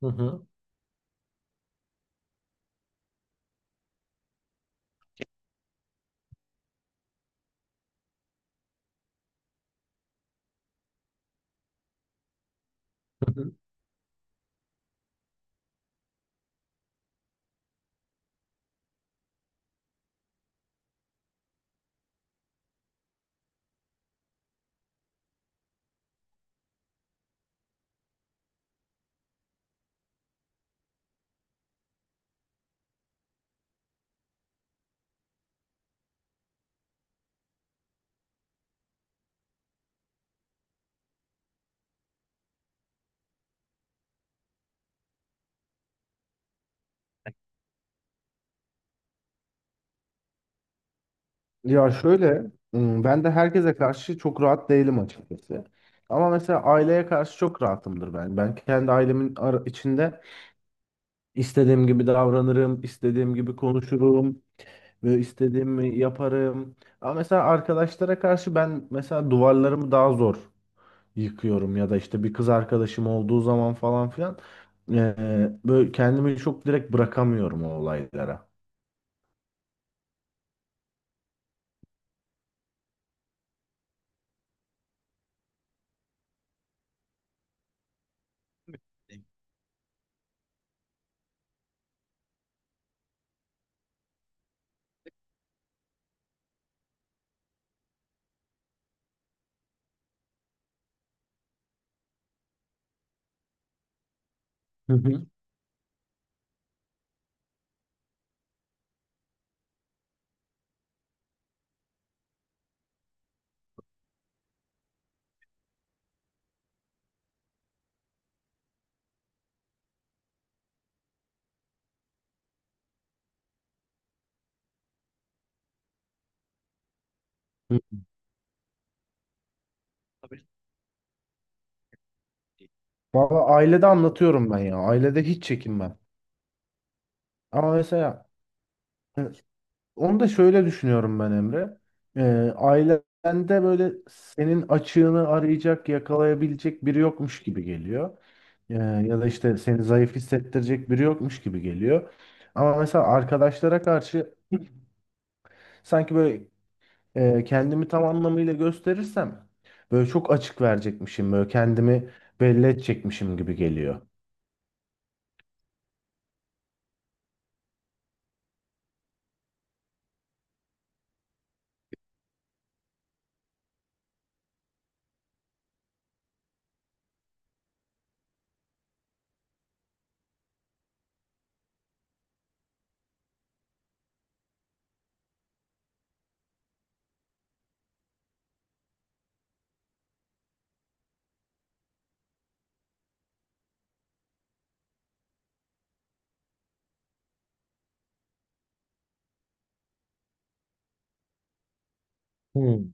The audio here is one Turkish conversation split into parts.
Hı hı. Hı hı. Ya şöyle, ben de herkese karşı çok rahat değilim açıkçası. Ama mesela aileye karşı çok rahatımdır ben. Ben kendi ailemin içinde istediğim gibi davranırım, istediğim gibi konuşurum ve istediğimi yaparım. Ama mesela arkadaşlara karşı ben mesela duvarlarımı daha zor yıkıyorum ya da işte bir kız arkadaşım olduğu zaman falan filan, eee, böyle kendimi çok direkt bırakamıyorum o olaylara. Hı hı. Hı. Tabii. Valla ailede anlatıyorum ben ya. Ailede hiç çekinmem. Ama mesela e, onu da şöyle düşünüyorum ben Emre. Ee, ailende böyle senin açığını arayacak, yakalayabilecek biri yokmuş gibi geliyor. Ya da işte seni zayıf hissettirecek biri yokmuş gibi geliyor. Ama mesela arkadaşlara karşı sanki böyle kendimi tam anlamıyla gösterirsem böyle çok açık verecekmişim, böyle kendimi belli edecekmişim gibi geliyor. Hmm.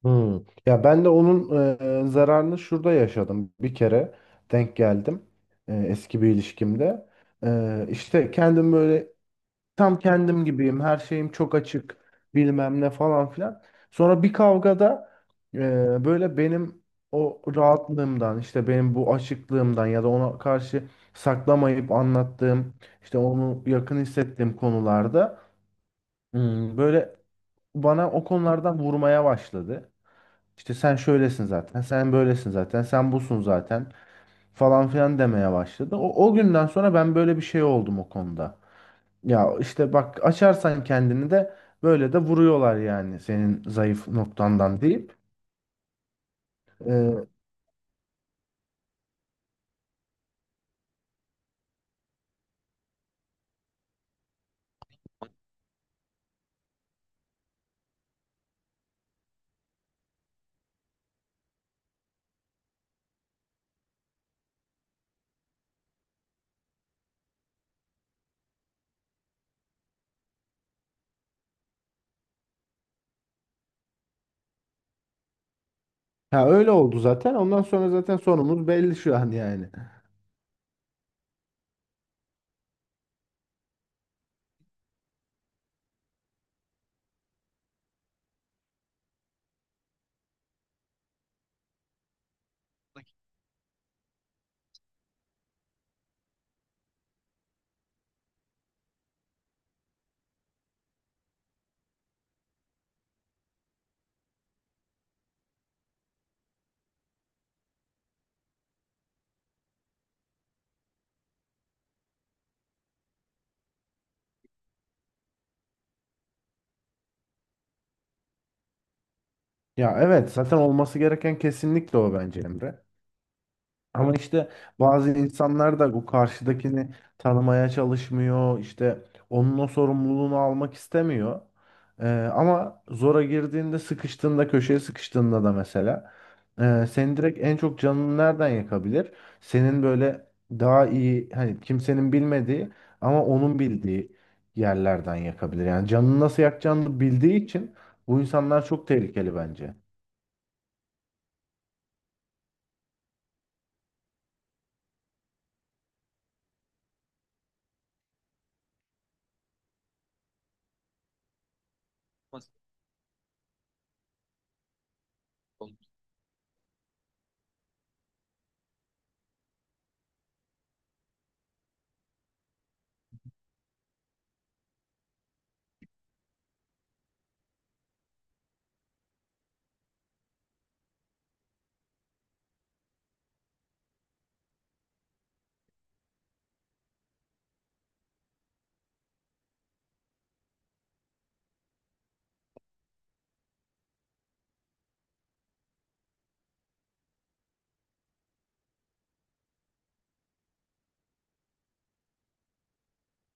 Hmm. Ya ben de onun zararını şurada yaşadım. Bir kere denk geldim eski bir ilişkimde. İşte kendim böyle tam kendim gibiyim. Her şeyim çok açık. Bilmem ne falan filan. Sonra bir kavgada, böyle benim o rahatlığımdan işte benim bu açıklığımdan ya da ona karşı saklamayıp anlattığım işte onu yakın hissettiğim konularda, böyle bana o konulardan vurmaya başladı. İşte sen şöylesin zaten, sen böylesin zaten, sen busun zaten falan filan demeye başladı. O günden sonra ben böyle bir şey oldum o konuda. Ya işte bak açarsan kendini de böyle de vuruyorlar yani senin zayıf noktandan deyip. Ee, ha, öyle oldu zaten. Ondan sonra zaten sonumuz belli şu an yani. Ya evet, zaten olması gereken kesinlikle o bence Emre. Ama işte bazı insanlar da bu karşıdakini tanımaya çalışmıyor. İşte onun o sorumluluğunu almak istemiyor. Ee, ama zora girdiğinde, sıkıştığında, köşeye sıkıştığında da mesela, senin direkt en çok canını nereden yakabilir? Senin böyle daha iyi, hani kimsenin bilmediği ama onun bildiği yerlerden yakabilir. Yani canını nasıl yakacağını bildiği için bu insanlar çok tehlikeli bence.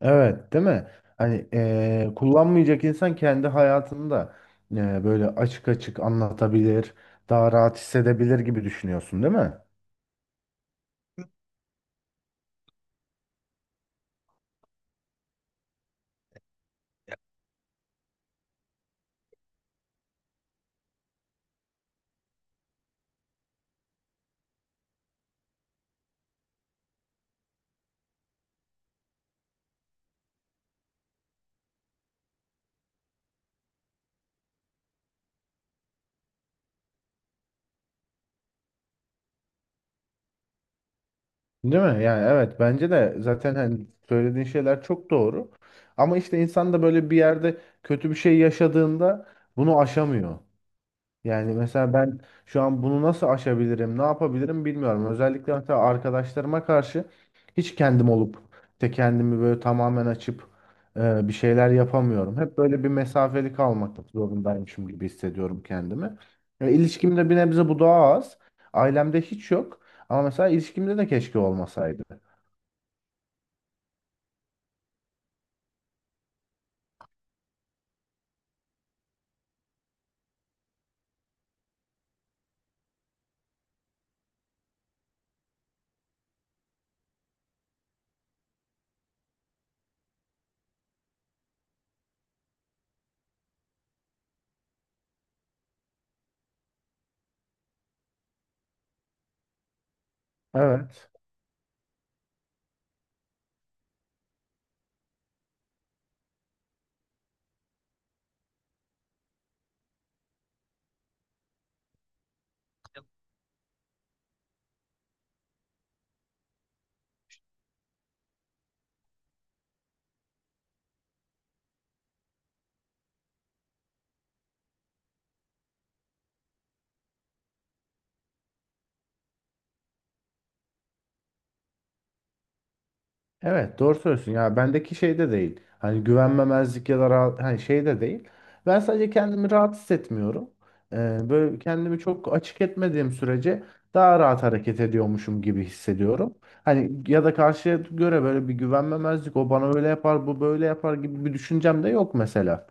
Evet, değil mi? Hani kullanmayacak insan kendi hayatında, böyle açık açık anlatabilir, daha rahat hissedebilir gibi düşünüyorsun, değil mi? Değil mi? Yani evet, bence de zaten hani söylediğin şeyler çok doğru. Ama işte insan da böyle bir yerde kötü bir şey yaşadığında bunu aşamıyor. Yani mesela ben şu an bunu nasıl aşabilirim, ne yapabilirim bilmiyorum. Özellikle mesela arkadaşlarıma karşı hiç kendim olup de kendimi böyle tamamen açıp, bir şeyler yapamıyorum. Hep böyle bir mesafeli kalmak zorundaymışım gibi hissediyorum kendimi. E, ilişkimde bir nebze bu daha az. Ailemde hiç yok. Ama mesela ilişkimde de keşke olmasaydı. Evet. Evet, doğru söylüyorsun ya, bendeki şey de değil hani güvenmemezlik ya da rahat, hani şey de değil, ben sadece kendimi rahat hissetmiyorum. Böyle kendimi çok açık etmediğim sürece daha rahat hareket ediyormuşum gibi hissediyorum, hani ya da karşıya göre böyle bir güvenmemezlik, o bana öyle yapar bu böyle yapar gibi bir düşüncem de yok mesela.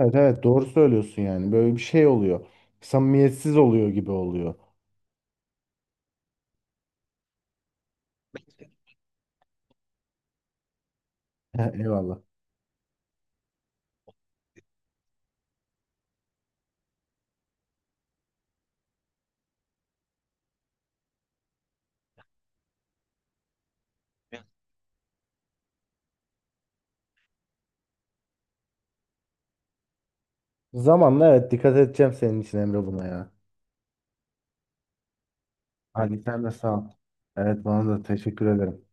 Evet evet, doğru söylüyorsun, yani böyle bir şey oluyor, samimiyetsiz oluyor gibi oluyor. Eyvallah, zamanla evet, dikkat edeceğim senin için Emre buna ya. Hadi sen de sağ ol. Evet, bana da teşekkür ederim.